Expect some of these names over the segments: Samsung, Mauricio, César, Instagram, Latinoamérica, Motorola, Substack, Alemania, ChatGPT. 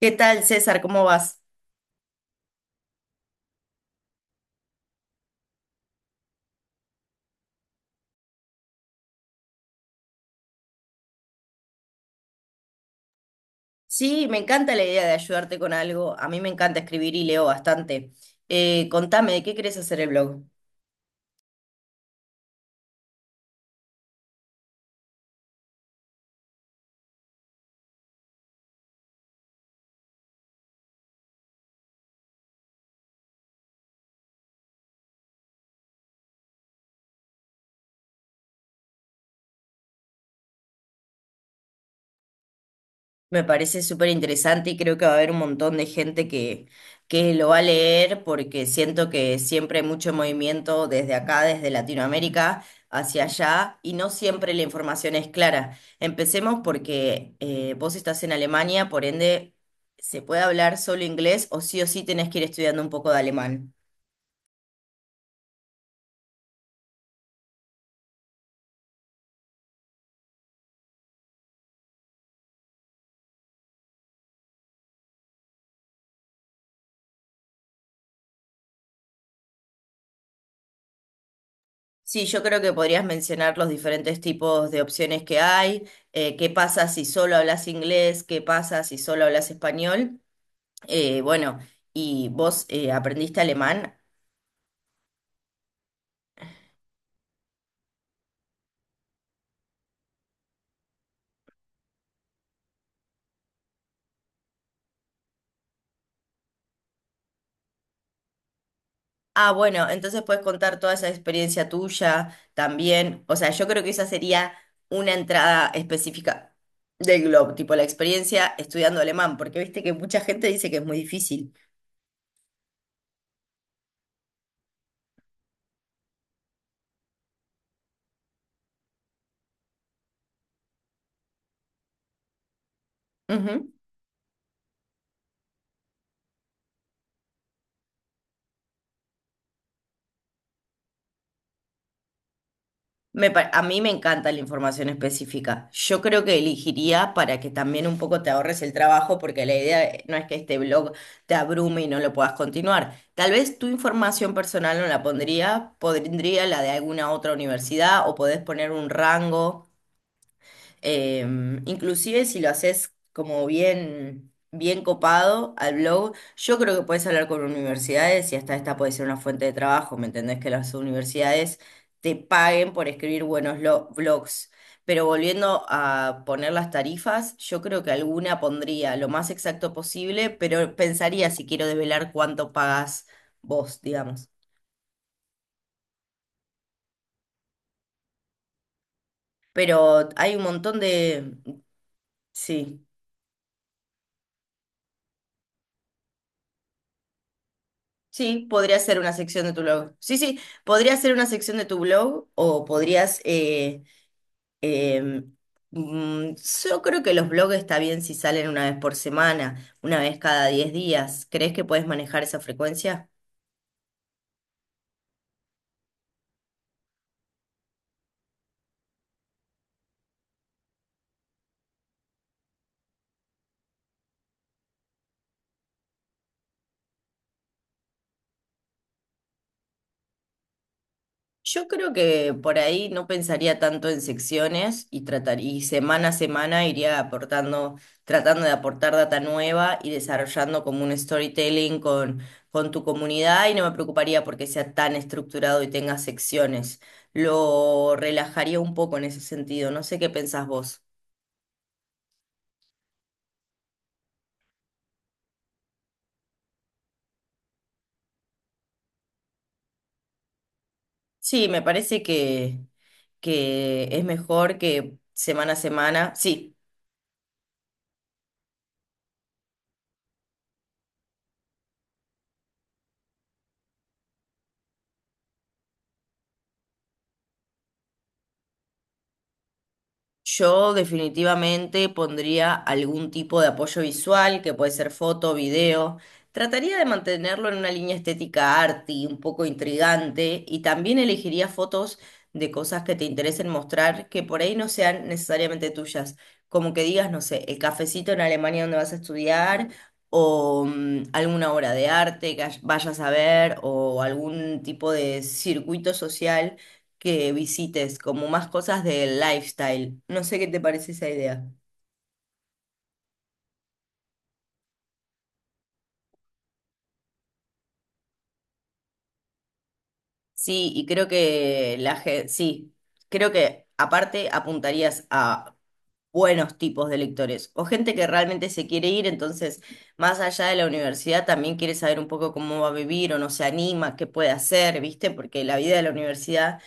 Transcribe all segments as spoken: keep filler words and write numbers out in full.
¿Qué tal, César? ¿Cómo vas? Sí, me encanta la idea de ayudarte con algo. A mí me encanta escribir y leo bastante. Eh, contame, ¿de qué querés hacer el blog? Me parece súper interesante y creo que va a haber un montón de gente que, que lo va a leer porque siento que siempre hay mucho movimiento desde acá, desde Latinoamérica hacia allá y no siempre la información es clara. Empecemos porque eh, vos estás en Alemania, por ende, se puede hablar solo inglés o sí o sí tenés que ir estudiando un poco de alemán. Sí, yo creo que podrías mencionar los diferentes tipos de opciones que hay, eh, qué pasa si solo hablas inglés, qué pasa si solo hablas español. Eh, bueno, y vos eh, aprendiste alemán. Ah, bueno, entonces puedes contar toda esa experiencia tuya también. O sea, yo creo que esa sería una entrada específica del Globo, tipo la experiencia estudiando alemán, porque viste que mucha gente dice que es muy difícil. Me pa- a mí me encanta la información específica. Yo creo que elegiría para que también un poco te ahorres el trabajo, porque la idea eh, no es que este blog te abrume y no lo puedas continuar. Tal vez tu información personal no la pondría, pondría la de alguna otra universidad o podés poner un rango. Eh, inclusive si lo haces como bien, bien copado al blog, yo creo que puedes hablar con universidades y hasta esta puede ser una fuente de trabajo, ¿me entendés? Que las universidades te paguen por escribir buenos lo- blogs. Pero volviendo a poner las tarifas, yo creo que alguna pondría lo más exacto posible, pero pensaría si quiero desvelar cuánto pagas vos, digamos. Pero hay un montón de... Sí. Sí, podría ser una sección de tu blog. Sí, sí, podría ser una sección de tu blog o podrías... eh, em, mm, yo creo que los blogs está bien si salen una vez por semana, una vez cada diez días. ¿Crees que puedes manejar esa frecuencia? Yo creo que por ahí no pensaría tanto en secciones y tratar, y semana a semana iría aportando, tratando de aportar data nueva y desarrollando como un storytelling con, con tu comunidad y no me preocuparía porque sea tan estructurado y tenga secciones. Lo relajaría un poco en ese sentido. No sé qué pensás vos. Sí, me parece que, que es mejor que semana a semana. Sí. Yo definitivamente pondría algún tipo de apoyo visual, que puede ser foto, video. Trataría de mantenerlo en una línea estética arty, un poco intrigante, y también elegiría fotos de cosas que te interesen mostrar, que por ahí no sean necesariamente tuyas. Como que digas, no sé, el cafecito en Alemania donde vas a estudiar, o mm, alguna obra de arte que hay- vayas a ver, o algún tipo de circuito social que visites, como más cosas del lifestyle. No sé qué te parece esa idea. Sí, y creo que la gente, sí, creo que aparte apuntarías a buenos tipos de lectores o gente que realmente se quiere ir, entonces más allá de la universidad también quiere saber un poco cómo va a vivir o no se anima, qué puede hacer, ¿viste? Porque la vida de la universidad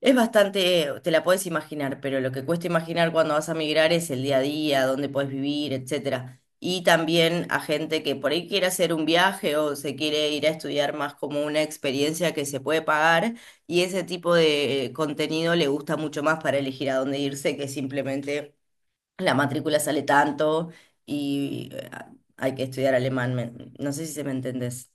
es bastante, te la puedes imaginar, pero lo que cuesta imaginar cuando vas a migrar es el día a día, dónde puedes vivir, etcétera. Y también a gente que por ahí quiere hacer un viaje o se quiere ir a estudiar más como una experiencia que se puede pagar y ese tipo de contenido le gusta mucho más para elegir a dónde irse que simplemente la matrícula sale tanto y eh, hay que estudiar alemán. Me- No sé si se me entendés.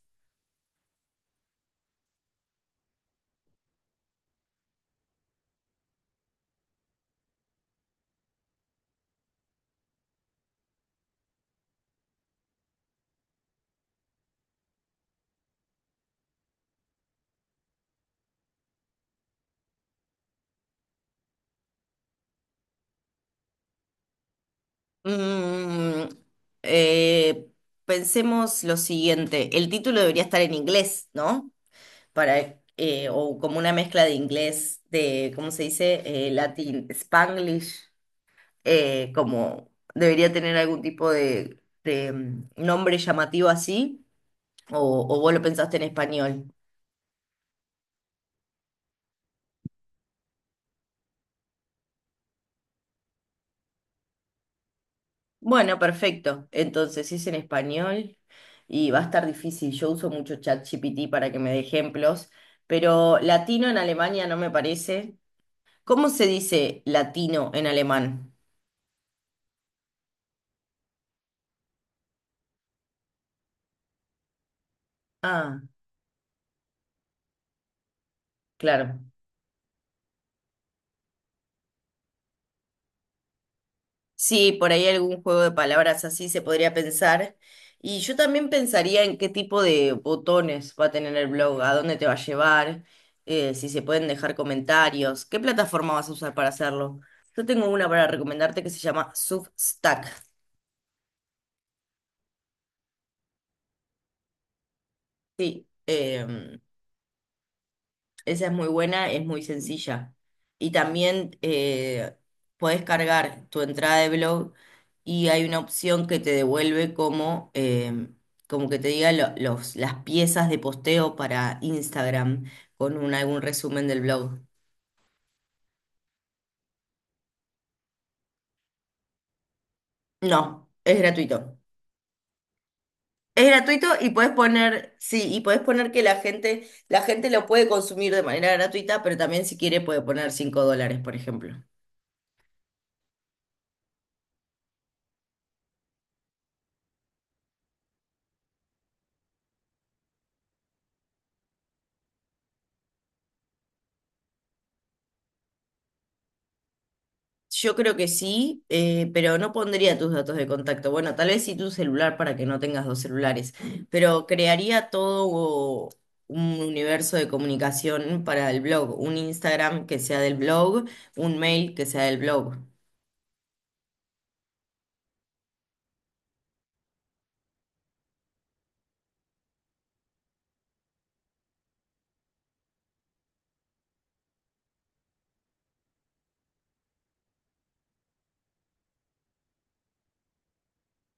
Mm, eh, pensemos lo siguiente, el título debería estar en inglés, ¿no? Para, eh, o como una mezcla de inglés, de, ¿cómo se dice? Eh, Latin, Spanglish, eh, como debería tener algún tipo de, de, mm, nombre llamativo así, o, o vos lo pensaste en español. Bueno, perfecto. Entonces, si es en español y va a estar difícil. Yo uso mucho ChatGPT para que me dé ejemplos, pero latino en Alemania no me parece. ¿Cómo se dice latino en alemán? Ah, claro. Sí, por ahí algún juego de palabras así se podría pensar. Y yo también pensaría en qué tipo de botones va a tener el blog, a dónde te va a llevar, eh, si se pueden dejar comentarios, qué plataforma vas a usar para hacerlo. Yo tengo una para recomendarte que se llama Substack. em, Esa es muy buena, es muy sencilla. Y también eh, podés cargar tu entrada de blog y hay una opción que te devuelve como, eh, como que te diga lo- los, las piezas de posteo para Instagram con un, algún resumen del blog. No, es gratuito. Es gratuito y puedes poner, sí, y puedes poner que la gente, la gente lo puede consumir de manera gratuita, pero también si quiere puede poner cinco dólares, por ejemplo. Yo creo que sí, eh, pero no pondría tus datos de contacto. Bueno, tal vez sí tu celular para que no tengas dos celulares, pero crearía todo un universo de comunicación para el blog, un Instagram que sea del blog, un mail que sea del blog.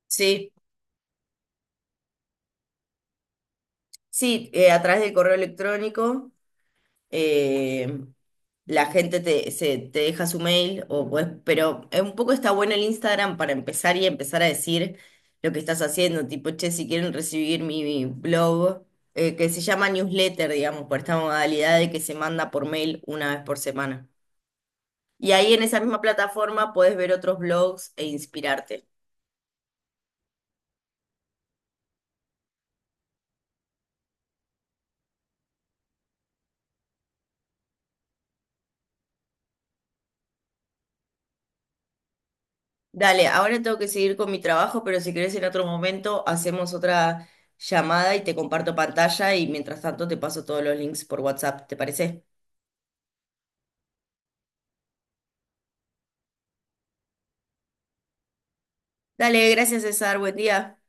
Sí, sí, eh, a través del correo electrónico. eh, la gente te, se- te deja su mail, o pues, pero eh, un poco está bueno el Instagram para empezar y empezar a decir lo que estás haciendo, tipo, che, si quieren recibir mi, mi blog, eh, que se llama newsletter, digamos, por esta modalidad de que se manda por mail una vez por semana. Y ahí en esa misma plataforma podés ver otros blogs e inspirarte. Dale, ahora tengo que seguir con mi trabajo, pero si querés en otro momento hacemos otra llamada y te comparto pantalla y mientras tanto te paso todos los links por WhatsApp, ¿te parece? Dale, gracias César, buen día.